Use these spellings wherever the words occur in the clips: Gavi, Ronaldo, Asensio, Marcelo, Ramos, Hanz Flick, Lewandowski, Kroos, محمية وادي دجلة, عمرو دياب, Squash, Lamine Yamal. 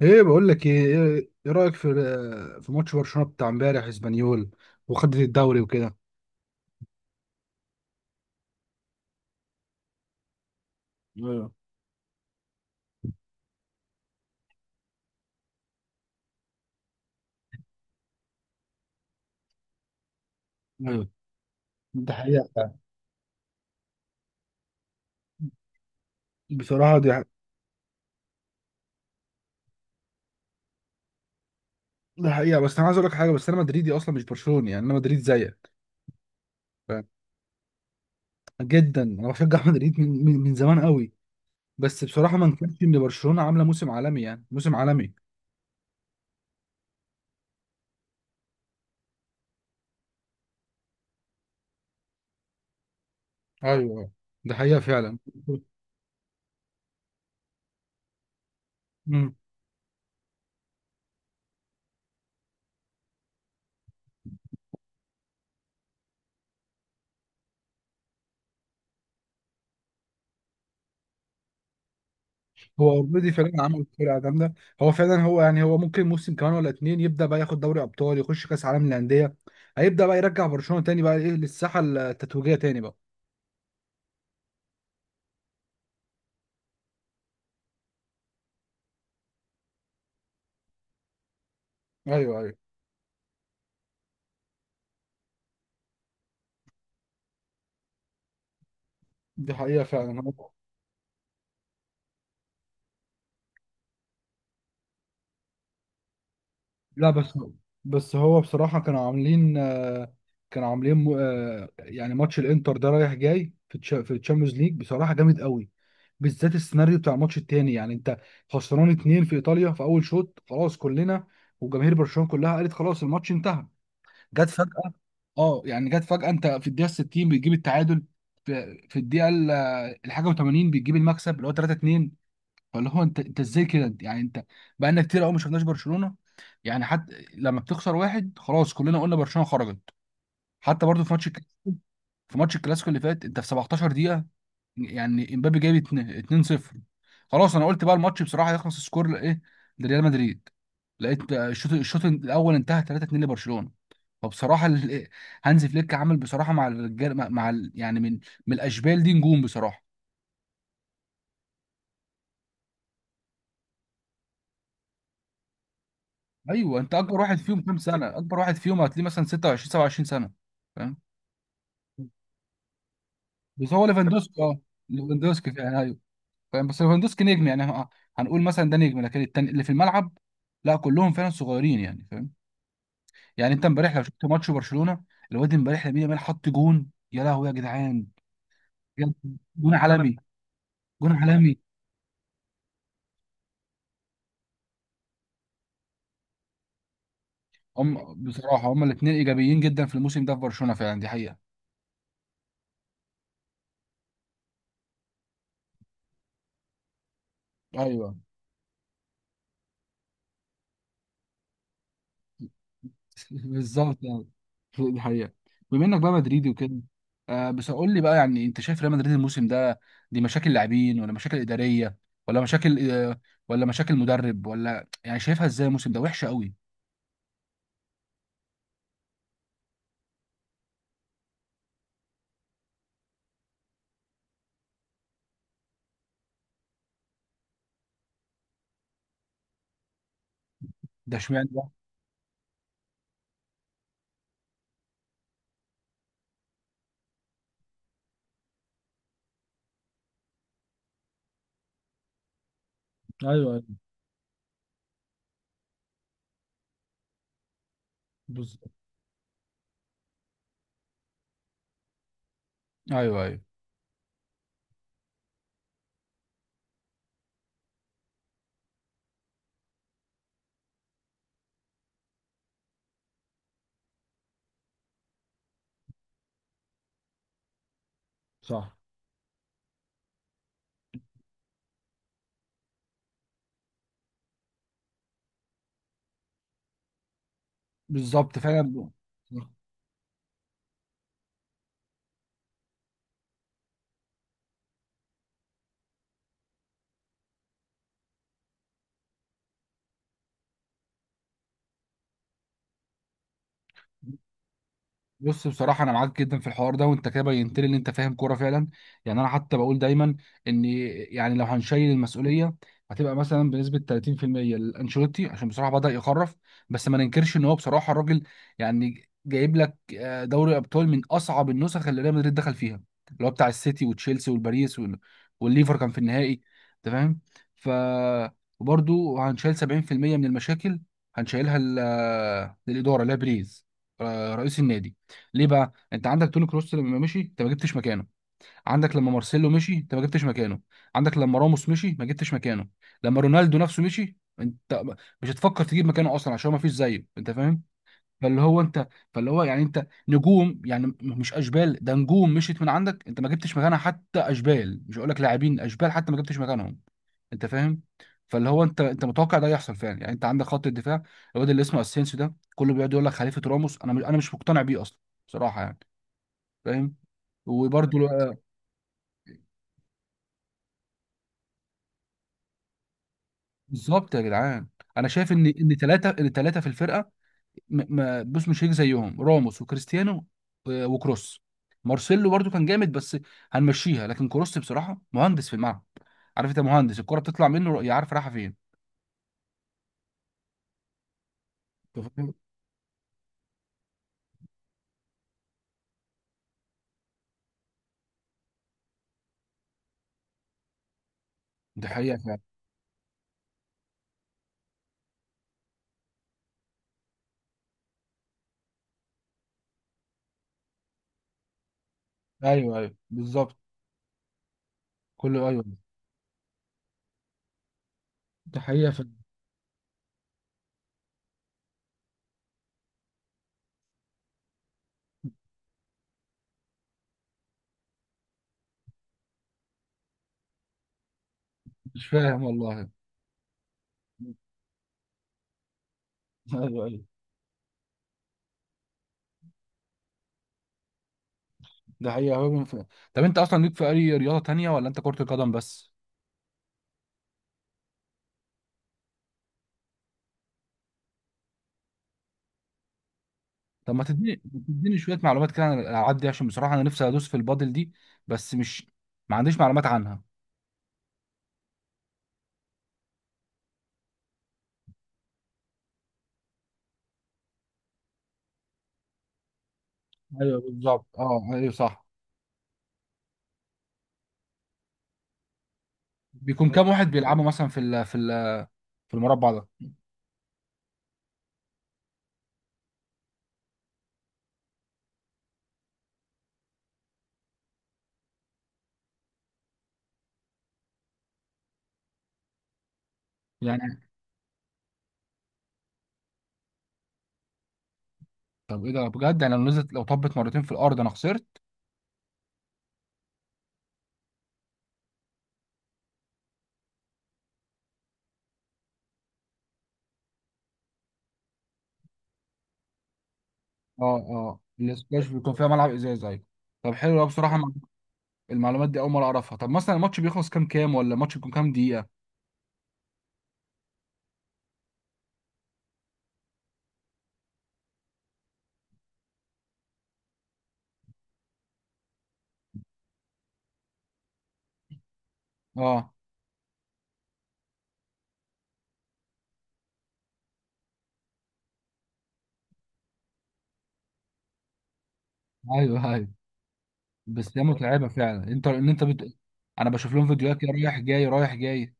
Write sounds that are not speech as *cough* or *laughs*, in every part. ايه بقول لك ايه ايه إيه رايك في ماتش برشلونه بتاع امبارح اسبانيول وخدت الدوري وكده. ايوه ايوه، ده حقيقة فعلا. بصراحة ده حقيقة، بس أنا عايز أقول لك حاجة. بس أنا مدريدي أصلا، مش برشلوني، يعني أنا مدريد زيك. ف- جدا أنا بشجع *laughs* مدريد من زمان قوي. بس بصراحة ما نكونش إن برشلونة عاملة موسم عالمي، يعني موسم عالمي. أيوه ده حقيقة فعلا. مم. هو اوريدي فعلا عمل فرقه جامده، هو فعلا، هو يعني هو ممكن موسم كمان ولا اتنين يبدا بقى ياخد دوري ابطال، يخش كاس عالم للانديه. هيبدا بقى يرجع برشلونه تاني بقى ايه، للساحه التتويجيه تاني بقى. ايوه ايوه، دي حقيقه فعلا. هو لا. بس هو بصراحه كانوا عاملين يعني ماتش الانتر ده رايح جاي في الشامبيونز ليج بصراحه جامد قوي. بالذات السيناريو بتاع الماتش التاني، يعني انت خسران اتنين في ايطاليا في اول شوط، خلاص كلنا. وجماهير برشلونه كلها قالت خلاص الماتش انتهى. جت فجأة. اه يعني جت فجأة، انت في الدقيقة 60 بتجيب التعادل. في الدقيقة الحاجة و80 بتجيب المكسب اللي هو 3-2. فاللي هو انت، يعني انت بقالنا كتير قوي ما شفناش برشلونة. يعني حتى لما بتخسر واحد خلاص كلنا قلنا برشلونة خرجت. حتى برضو في ماتش الكلاسيكو اللي فات، انت في 17 دقيقة يعني امبابي جايب 2-0. خلاص انا قلت بقى الماتش بصراحه هيخلص سكور ايه لريال مدريد. لقيت الشوط الاول انتهى 3-2 لبرشلونه. فبصراحه هانز فليك عامل بصراحه مع الرجال، يعني من الاشبال دي نجوم بصراحه. ايوه. انت اكبر واحد فيهم كام سنه؟ اكبر واحد فيهم هتلاقيه مثلا 26 27 سنه، فاهم. بس هو ليفاندوسكي اه، ليفاندوسكي يعني ايوه. فاهم. بس ليفاندوسكي نجم، يعني هنقول مثلا ده نجم، لكن التاني اللي في الملعب، لا، كلهم فعلا صغيرين يعني، فاهم. يعني انت امبارح لو شفت ماتش برشلونه، الواد امبارح لامين يامال حط جون، يا لهوي يا جدعان! بجد، جون عالمي، جون عالمي. هم بصراحه هم الاثنين ايجابيين جدا في الموسم ده في برشلونه فعلا، دي حقيقه. ايوه *laughs* بالظبط يعني، دي حقيقه. بما انك بقى مدريدي وكده، آه بس قول لي بقى، يعني انت شايف ريال مدريد الموسم ده دي مشاكل لاعبين ولا مشاكل اداريه ولا مشاكل ولا مشاكل مدرب؟ ولا يعني شايفها ازاي الموسم ده وحشه قوي؟ ده اشمعنى ده؟ ايوه ايوه بالظبط. ايوه ايوه صح. بالظبط فعلا. بص بصراحة أنا معاك جدا في الحوار ده، وأنت كده بينت لي إن أنت فاهم كورة فعلا. يعني أنا حتى بقول دايما إن، يعني لو هنشيل المسؤولية، هتبقى مثلا بنسبة 30% لأنشيلوتي، عشان بصراحة بدأ يخرف. بس ما ننكرش إن هو بصراحة الراجل يعني جايب لك دوري أبطال من أصعب النسخ اللي ريال مدريد دخل فيها، اللي هو بتاع السيتي وتشيلسي والباريس والليفر كان في النهائي، أنت فاهم. ف وبرده هنشيل 70% من المشاكل، هنشيلها للإدارة، لا بريز، رئيس النادي. ليه بقى انت عندك توني كروس لما مشي انت ما جبتش مكانه؟ عندك لما مارسيلو مشي انت ما جبتش مكانه. عندك لما راموس مشي ما جبتش مكانه. لما رونالدو نفسه مشي انت مش هتفكر تجيب مكانه اصلا عشان هو ما فيش زيه، انت فاهم. فاللي هو انت فاللي هو يعني انت نجوم، يعني مش اشبال، ده نجوم مشيت من عندك انت ما جبتش مكانها. حتى اشبال، مش هقول لك لاعبين اشبال، حتى ما جبتش مكانهم، انت فاهم. فاللي هو انت متوقع ده يحصل فعلا. يعني انت عندك خط الدفاع، الواد اللي اسمه اسينسيو ده كله بيقعد يقول لك خليفه راموس، انا مش مقتنع بيه اصلا بصراحه يعني، فاهم. وبرده بالظبط يا جدعان. انا شايف ان ثلاثه في الفرقه ما بص مش هيك زيهم راموس وكريستيانو، و- وكروس. مارسيلو برده كان جامد بس هنمشيها، لكن كروس بصراحه مهندس في الملعب، عارف، انت مهندس الكره بتطلع منه يا عارف رايحه فين. أنت فاهم؟ دي حقيقه فعلا. ايوه ايوه بالظبط، كله ايوه. دي حقيقه فعلا. مش فاهم والله. *laughs* ايوه ايوه، ده حقيقه هو من فاهم. طب انت اصلا ليك في اي رياضه تانية ولا انت كره القدم بس؟ طب ما تديني شويه معلومات كده عن الالعاب دي، عشان بصراحه انا نفسي ادوس في البادل دي، بس مش ما عنديش معلومات عنها. ايوه بالظبط، اه ايوه صح. بيكون كام واحد بيلعبوا مثلا في المربع ده يعني؟ طب ايه ده بجد، يعني لو نزلت، لو طبت مرتين في الارض انا خسرت؟ اه. اه الاسكواش بيكون فيها ملعب ازاز، ايوه. طب حلو أوي بصراحه، المعلومات دي اول مره اعرفها. طب مثلا الماتش بيخلص كام ولا الماتش بيكون كام دقيقه؟ اه ايوه ايوه. بس هي متعبه فعلا. انت ان انت بت... انا بشوف لهم فيديوهات كده رايح جاي رايح جاي.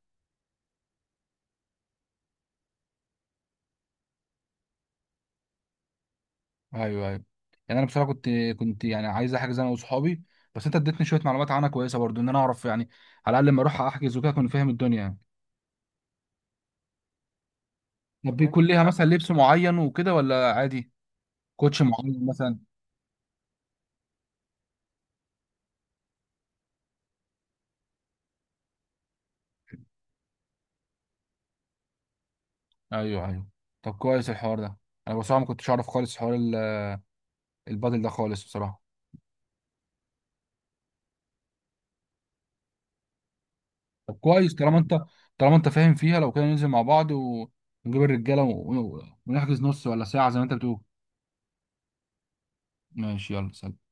ايوه ايوه. يعني انا بصراحه كنت يعني عايز احجز انا واصحابي، بس انت اديتني شويه معلومات عنها كويسه برضو، ان انا اعرف يعني، على الاقل لما اروح احجز وكده اكون فاهم الدنيا يعني. طب بيكون ليها مثلا لبس معين وكده ولا عادي؟ كوتش معين مثلا؟ ايوه ايوه. طب كويس الحوار ده، انا بصراحه ما كنتش اعرف خالص حوار البادل ده خالص بصراحه. طب كويس، طالما انت فاهم فيها، لو كده ننزل مع بعض و- ونجيب الرجاله و- ونحجز نص ولا ساعه زي ما انت بتقول. ماشي، يلا سلام.